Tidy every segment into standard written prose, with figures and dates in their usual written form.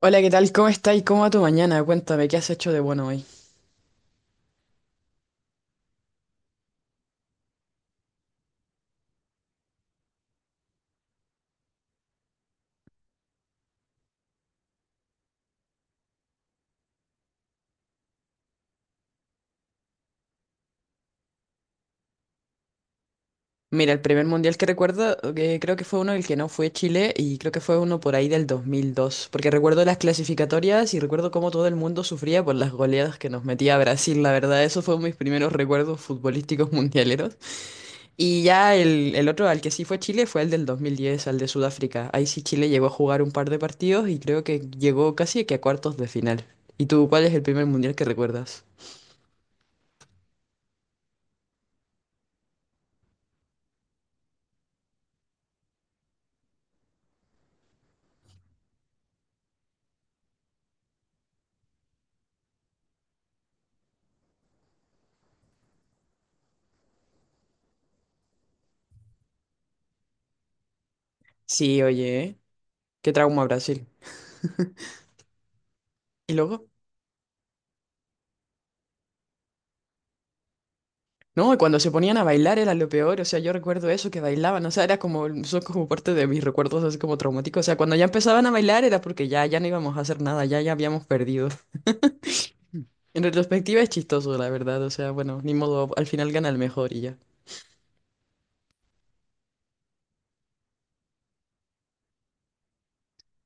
Hola, ¿qué tal? ¿Cómo estás? ¿Cómo va tu mañana? Cuéntame, ¿qué has hecho de bueno hoy? Mira, el primer mundial que recuerdo, que creo que fue uno, el que no fue Chile, y creo que fue uno por ahí del 2002, porque recuerdo las clasificatorias y recuerdo cómo todo el mundo sufría por las goleadas que nos metía Brasil, la verdad, esos fueron mis primeros recuerdos futbolísticos mundialeros. Y ya el otro al que sí fue Chile fue el del 2010, al de Sudáfrica. Ahí sí Chile llegó a jugar un par de partidos y creo que llegó casi que a cuartos de final. ¿Y tú cuál es el primer mundial que recuerdas? Sí, oye. Qué trauma Brasil. Y luego, no, y cuando se ponían a bailar era lo peor, o sea, yo recuerdo eso, que bailaban, o sea, era como, son como parte de mis recuerdos así como traumáticos, o sea, cuando ya empezaban a bailar era porque ya, ya no íbamos a hacer nada, ya, ya habíamos perdido. En retrospectiva es chistoso, la verdad, o sea, bueno, ni modo, al final gana el mejor y ya.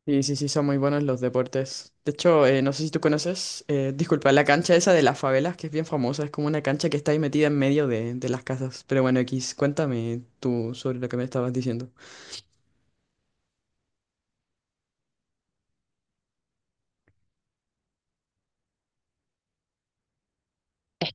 Sí, sí, sí, son muy buenos los deportes. De hecho, no sé si tú conoces, disculpa, la cancha esa de las favelas, que es bien famosa, es como una cancha que está ahí metida en medio de las casas. Pero bueno, X, cuéntame tú sobre lo que me estabas diciendo.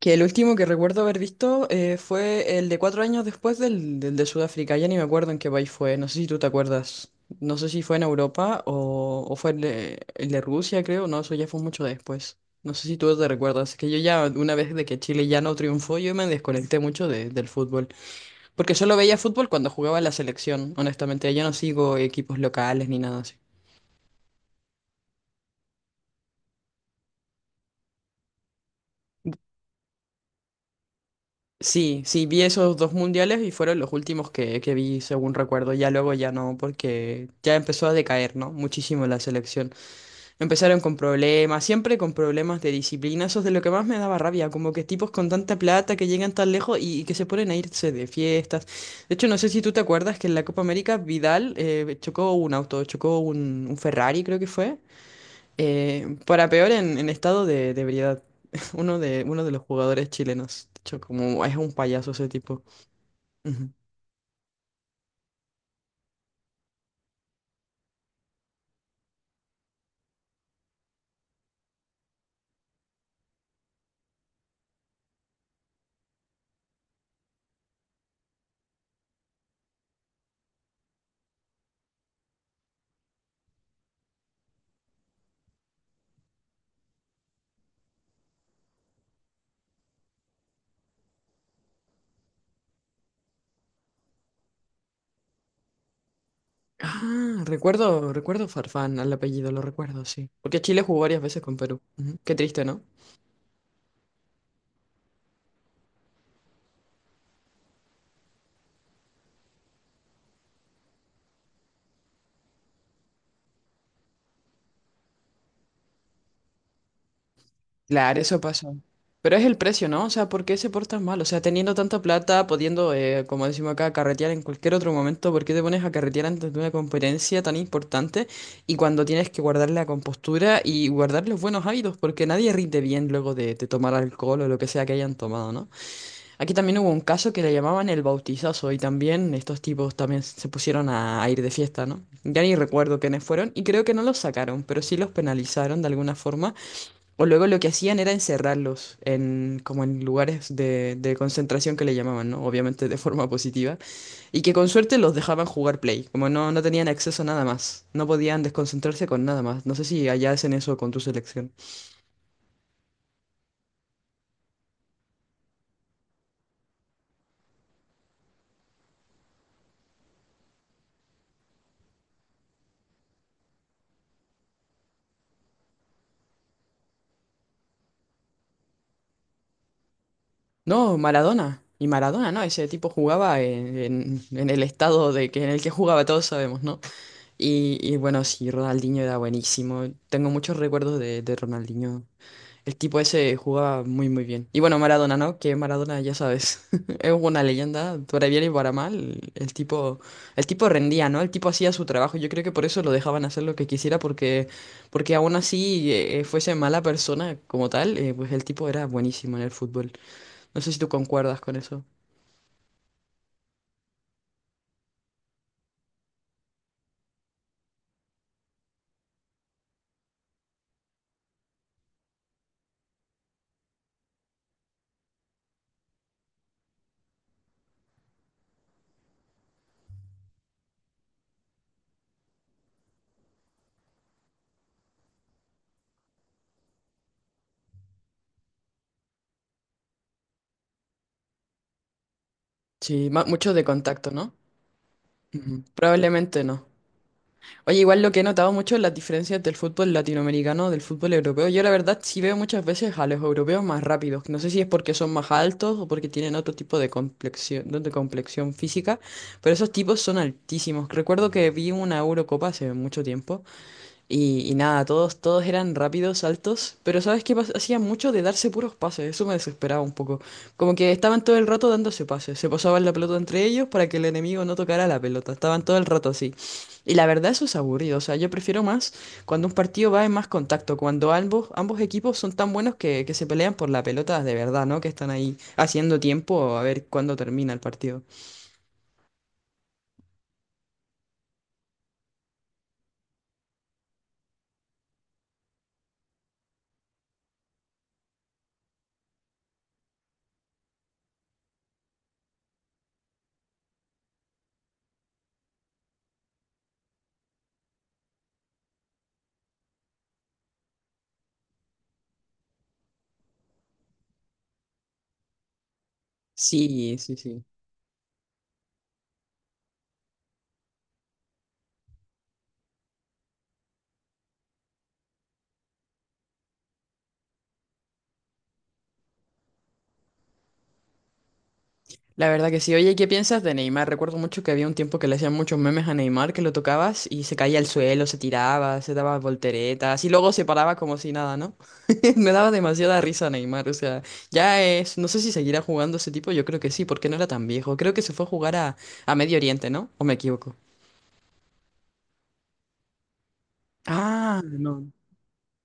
Que el último que recuerdo haber visto fue el de cuatro años después del de Sudáfrica. Ya ni me acuerdo en qué país fue. No sé si tú te acuerdas. No sé si fue en Europa o fue el el de Rusia, creo. No, eso ya fue mucho después. No sé si tú te recuerdas. Es que yo ya, una vez de que Chile ya no triunfó, yo me desconecté mucho de- del fútbol. Porque solo veía fútbol cuando jugaba en la selección. Honestamente, ya no sigo equipos locales ni nada así. Sí, sí, vi esos dos mundiales y fueron los últimos que vi, según recuerdo. Ya luego ya no, porque ya empezó a decaer, ¿no? Muchísimo la selección. Empezaron con problemas, siempre con problemas de disciplina. Eso es de lo que más me daba rabia, como que tipos con tanta plata que llegan tan lejos y que se ponen a irse de fiestas. De hecho, no sé si tú te acuerdas que en la Copa América Vidal chocó un auto, chocó un Ferrari, creo que fue. Para peor en estado de ebriedad. Uno de los jugadores chilenos. De hecho, como es un payaso ese tipo. Ujú. Ah, recuerdo Farfán al apellido, lo recuerdo, sí. Porque Chile jugó varias veces con Perú. Ujú. Qué triste, ¿no? Claro, eso pasa. Pero es el precio, ¿no? O sea, ¿por qué se portas mal? O sea, teniendo tanta plata, pudiendo, como decimos acá, carretear en cualquier otro momento, ¿por qué te pones a carretear antes de una competencia tan importante y cuando tienes que guardar la compostura y guardar los buenos hábitos? Porque nadie rinde bien luego de tomar alcohol o lo que sea que hayan tomado, ¿no? Aquí también hubo un caso que le llamaban el bautizazo y también estos tipos también se pusieron a ir de fiesta, ¿no? Ya ni recuerdo quiénes fueron y creo que no los sacaron, pero sí los penalizaron de alguna forma o luego lo que hacían era encerrarlos en, como en lugares de concentración que le llamaban, ¿no? Obviamente de forma positiva. Y que con suerte los dejaban jugar play. Como no, no tenían acceso a nada más. No podían desconcentrarse con nada más. No sé si allá hacen eso con tu selección. No, Maradona. Y Maradona, ¿no? Ese tipo jugaba en el estado de que, en el que jugaba, todos sabemos, ¿no? Y bueno, sí, Ronaldinho era buenísimo. Tengo muchos recuerdos de Ronaldinho. El tipo ese jugaba muy muy bien. Y bueno, Maradona, ¿no? Que Maradona, ya sabes, es una leyenda, para bien y para mal. El tipo rendía, ¿no? El tipo hacía su trabajo. Yo creo que por eso lo dejaban hacer lo que quisiera, porque aún así fuese mala persona como tal, pues el tipo era buenísimo en el fútbol. No sé si tú concuerdas con eso. Sí, ma- mucho de contacto, ¿no? Ujú. Probablemente no. Oye, igual lo que he notado mucho es las diferencias del fútbol latinoamericano, del fútbol europeo. Yo la verdad sí veo muchas veces a los europeos más rápidos. No sé si es porque son más altos o porque tienen otro tipo de complexión, no, de complexión física, pero esos tipos son altísimos. Recuerdo que vi una Eurocopa hace mucho tiempo y nada, todos eran rápidos, altos, pero ¿sabes qué pas- Hacían mucho de darse puros pases, eso me desesperaba un poco. Como que estaban todo el rato dándose pases, se pasaban la pelota entre ellos para que el enemigo no tocara la pelota, estaban todo el rato así. Y la verdad eso es aburrido, o sea, yo prefiero más cuando un partido va en más contacto, cuando ambos equipos son tan buenos que se pelean por la pelota de verdad, ¿no? Que están ahí haciendo tiempo a ver cuándo termina el partido. Sí, sí, sí. La verdad que sí. Oye, ¿qué piensas de Neymar? Recuerdo mucho que había un tiempo que le hacían muchos memes a Neymar, que lo tocabas y se caía al suelo, se tiraba, se daba volteretas y luego se paraba como si nada, ¿no? Me daba demasiada risa Neymar, o sea, ya es, no sé si seguirá jugando ese tipo, yo creo que sí, porque no era tan viejo. Creo que se fue a jugar a Medio Oriente, ¿no? ¿O me equivoco? Ah, no,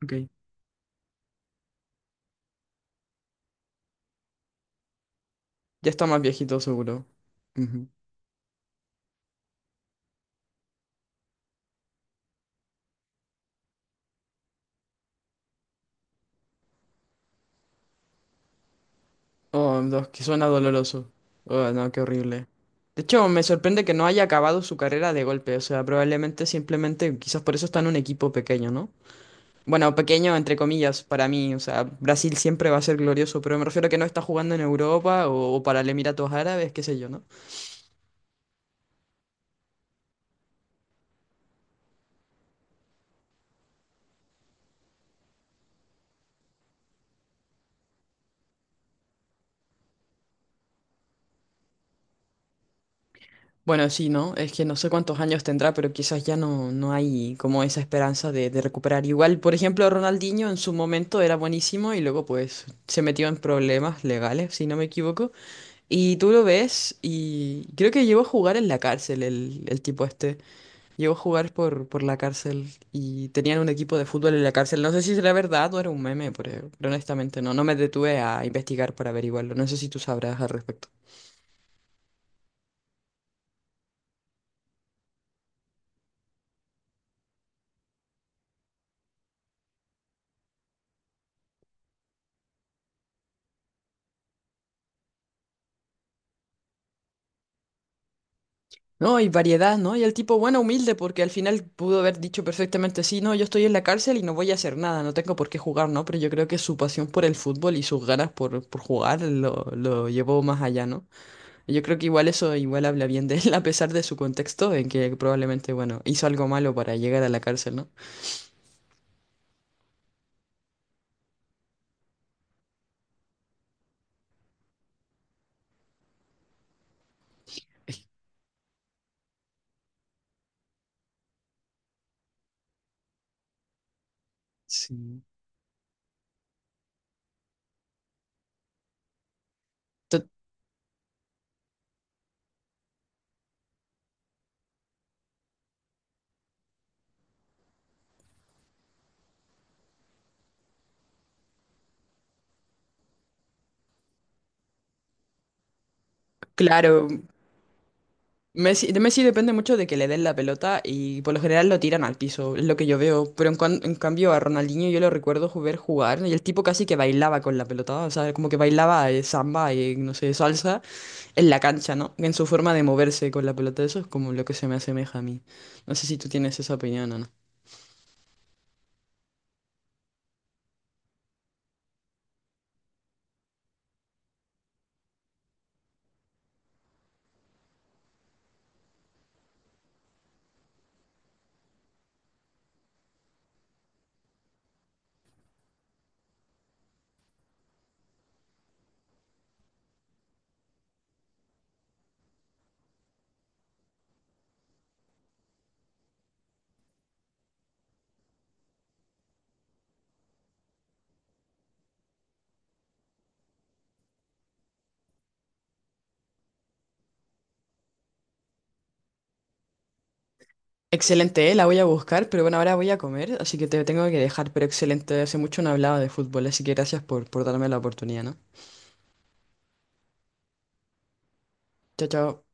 ok. Ya está más viejito seguro. Ujú. Oh, dos, que suena doloroso. Oh, no, qué horrible. De hecho, me sorprende que no haya acabado su carrera de golpe. O sea, probablemente simplemente, quizás por eso está en un equipo pequeño, ¿no? Bueno, pequeño entre comillas para mí. O sea, Brasil siempre va a ser glorioso, pero me refiero a que no está jugando en Europa o para el Emiratos Árabes, qué sé yo, ¿no? Bueno, sí, ¿no? Es que no sé cuántos años tendrá, pero quizás ya no, no hay como esa esperanza de recuperar. Igual, por ejemplo, Ronaldinho en su momento era buenísimo y luego pues se metió en problemas legales, si no me equivoco. Y tú lo ves y creo que llegó a jugar en la cárcel el tipo este. Llegó a jugar por la cárcel y tenían un equipo de fútbol en la cárcel. No sé si será verdad o era un meme, pero honestamente no. No me detuve a investigar para averiguarlo. No sé si tú sabrás al respecto. No, y variedad, ¿no? Y el tipo, bueno, humilde, porque al final pudo haber dicho perfectamente, sí, no, yo estoy en la cárcel y no voy a hacer nada, no tengo por qué jugar, ¿no? Pero yo creo que su pasión por el fútbol y sus ganas por jugar lo llevó más allá, ¿no? Yo creo que igual eso igual habla bien de él, a pesar de su contexto, en que probablemente, bueno, hizo algo malo para llegar a la cárcel, ¿no? Sí. To- Claro, Messi, de Messi depende mucho de que le den la pelota y por lo general lo tiran al piso, es lo que yo veo. Pero en, cuan- en cambio a Ronaldinho yo lo recuerdo ju- ver jugar y el tipo casi que bailaba con la pelota, o sea, como que bailaba samba y no sé, salsa en la cancha, ¿no? En su forma de moverse con la pelota, eso es como lo que se me asemeja a mí. No sé si tú tienes esa opinión o no. Excelente, la voy a buscar, pero bueno, ahora voy a comer, así que te tengo que dejar, pero excelente, hace mucho no hablaba de fútbol, así que gracias por darme la oportunidad, ¿no? Chao, chao.